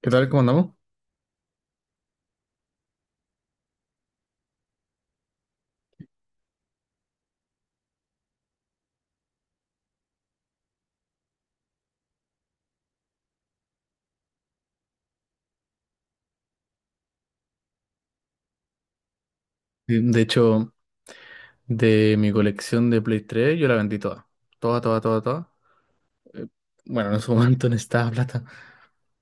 ¿Qué tal? ¿Cómo andamos? Sí, de hecho, de mi colección de Play 3, yo la vendí toda. Toda, toda, toda, toda. Eh, Bueno, en su momento necesitaba plata.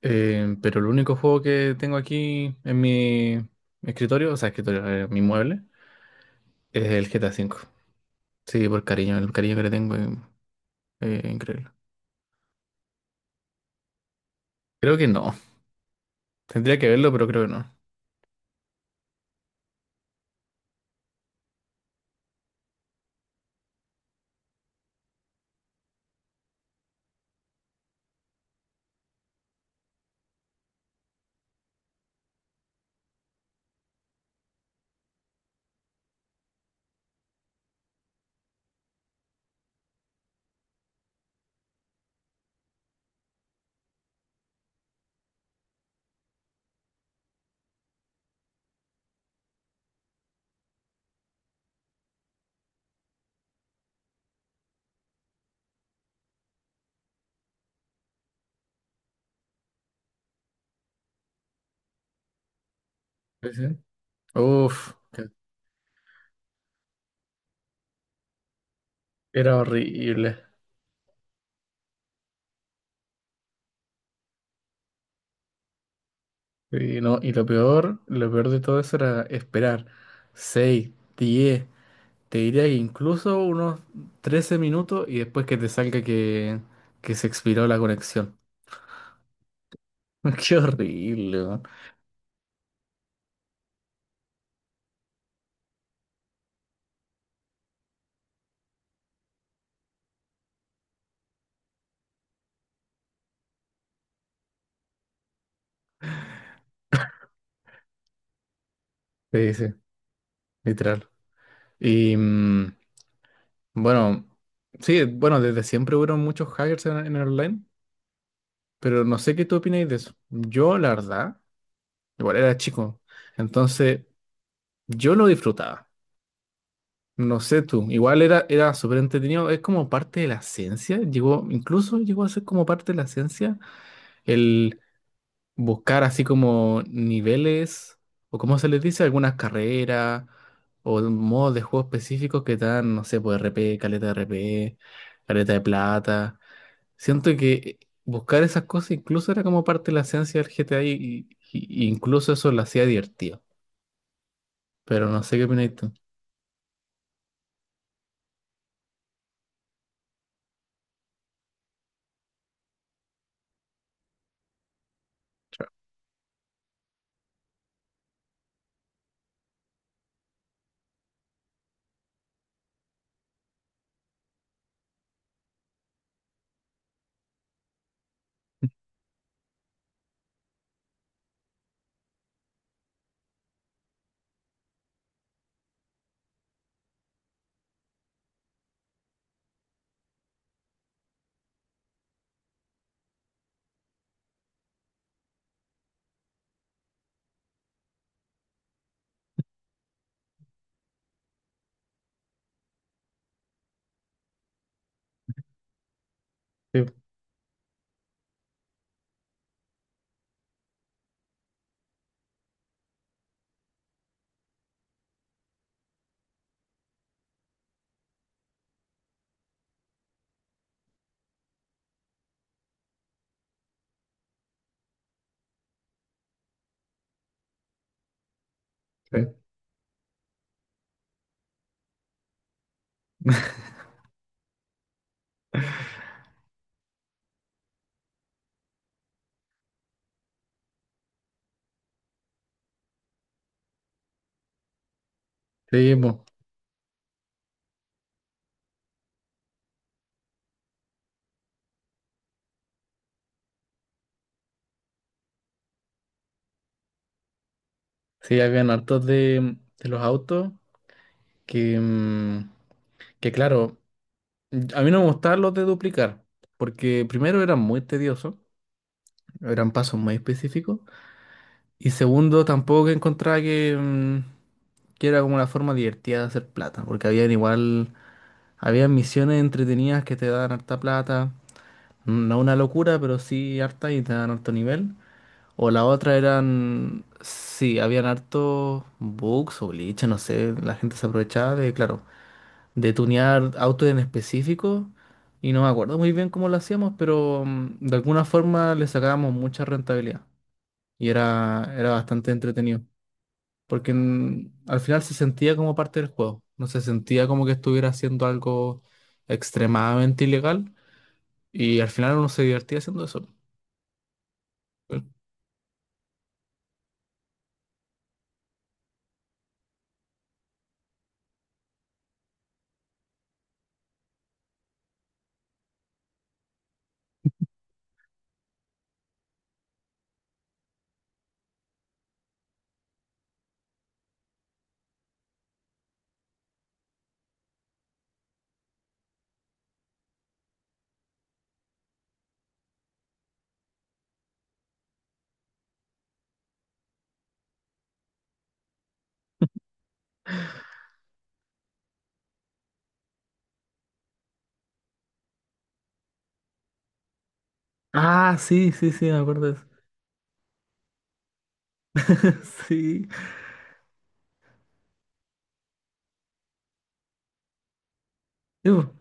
Pero el único juego que tengo aquí en mi escritorio, o sea, escritorio, mi mueble, es el GTA cinco. Sí, por cariño, el cariño que le tengo es increíble. Creo que no. Tendría que verlo, pero creo que no. ¿Sí? ¿Sí? Uf, era horrible. Y, no, y lo peor de todo eso era esperar 6, 10. Te diría que incluso unos 13 minutos y después que te salga que se expiró la conexión. Qué horrible, weón. Sí, sí, literal. Y bueno, sí, bueno, desde siempre hubieron muchos hackers en el online, pero no sé qué tú opináis de eso. Yo, la verdad, igual era chico, entonces yo lo disfrutaba. No sé tú, igual era súper entretenido, es como parte de la ciencia, incluso llegó a ser como parte de la ciencia buscar así como niveles o como se les dice, algunas carreras o modos de juego específicos que te dan, no sé, pues RP, caleta de RP, caleta de plata. Siento que buscar esas cosas incluso era como parte de la esencia del GTA y incluso eso lo hacía divertido. Pero no sé qué opinas tú. Claro. Sí, sí. Sí, po. Sí, habían hartos de los autos que, mm, que claro. A mí no me gustaban los de duplicar, porque primero eran muy tediosos, eran pasos muy específicos, y segundo tampoco que encontraba que era como una forma divertida de hacer plata, porque habían igual, habían misiones entretenidas que te daban harta plata, no una locura, pero sí harta y te daban harto nivel, o la otra eran, sí, habían harto bugs o glitches, no sé, la gente se aprovechaba de, claro, de tunear autos en específico y no me acuerdo muy bien cómo lo hacíamos, pero de alguna forma le sacábamos mucha rentabilidad y era bastante entretenido, porque al final se sentía como parte del juego, no se sentía como que estuviera haciendo algo extremadamente ilegal y al final uno se divertía haciendo eso. Ah, sí, sí, sí, me acuerdo de eso. Sí. Sí, po.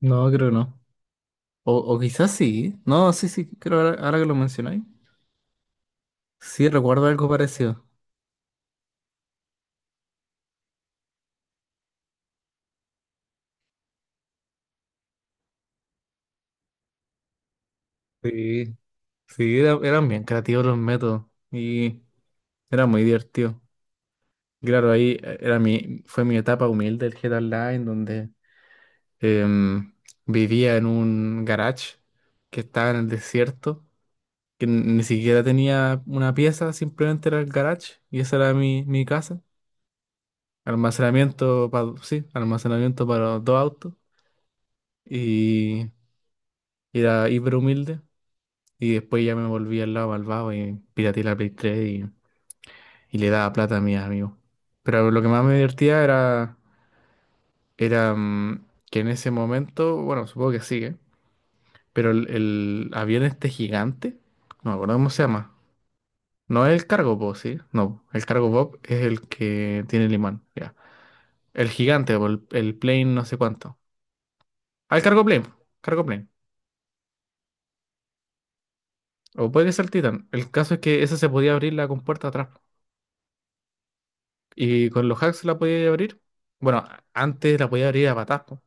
No, creo que no. O quizás sí. No, sí, sí, creo ahora que lo mencionáis. Sí, recuerdo algo parecido. Sí. Sí, eran bien creativos los métodos y era muy divertido. Claro, ahí fue mi etapa humilde del GTA Online, donde em, vivía en un garage que estaba en el desierto, que ni siquiera tenía una pieza, simplemente era el garage y esa era mi casa. Almacenamiento para, sí, almacenamiento para dos autos y era hiper humilde. Y después ya me volví al lado malvado y pirateé la Play 3 y le daba plata a mis amigos. Pero lo que más me divertía era, que en ese momento, bueno, supongo que sigue, pero el avión este gigante, no me acuerdo cómo se llama. No es el cargo pop, ¿sí? No, el cargo pop es el que tiene el imán, ya. El gigante, o el plane, no sé cuánto. Ah, el cargo plane, cargo plane. O puede que sea el Titan. El caso es que esa se podía abrir la compuerta atrás. Y con los hacks la podía abrir. Bueno, antes la podía abrir a patas, po.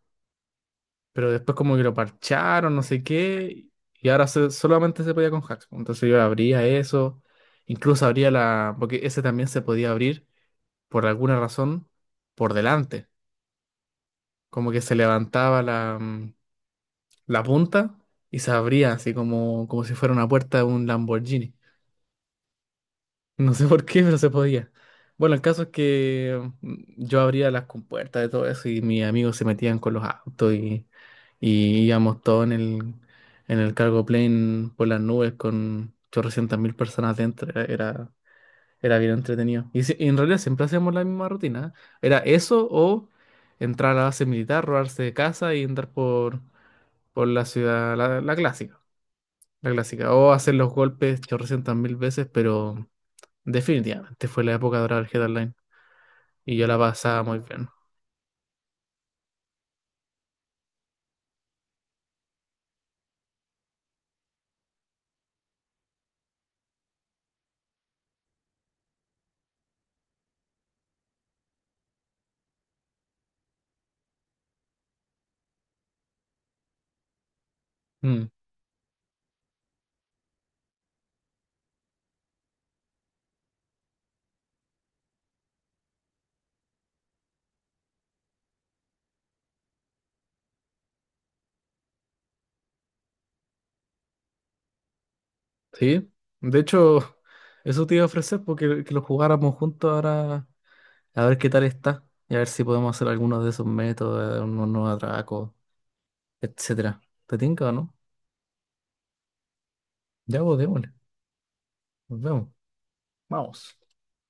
Pero después como que lo parcharon, no sé qué, y ahora solamente se podía con hacks. Entonces yo abría eso, incluso abría la, porque ese también se podía abrir por alguna razón por delante, como que se levantaba la punta y se abría así como si fuera una puerta de un Lamborghini. No sé por qué, pero se podía. Bueno, el caso es que yo abría las compuertas de todo eso y mis amigos se metían con los autos y íbamos todos en el cargo plane por las nubes con 800 mil personas dentro. Era bien entretenido. Y, si- y en realidad siempre hacíamos la misma rutina. ¿Eh? Era eso o entrar a la base militar, robarse de casa y andar por la ciudad, la clásica. La clásica. O hacer los golpes 800 mil veces, pero definitivamente fue la época dorada del GTA Online y yo la pasaba muy bien. Mm, sí, de hecho, eso te iba a ofrecer porque que lo jugáramos juntos ahora a ver qué tal está y a ver si podemos hacer algunos de esos métodos, unos nuevos atracos, etcétera. ¿Te tinca o no? Ya vos, démosle. Nos vemos. Vamos.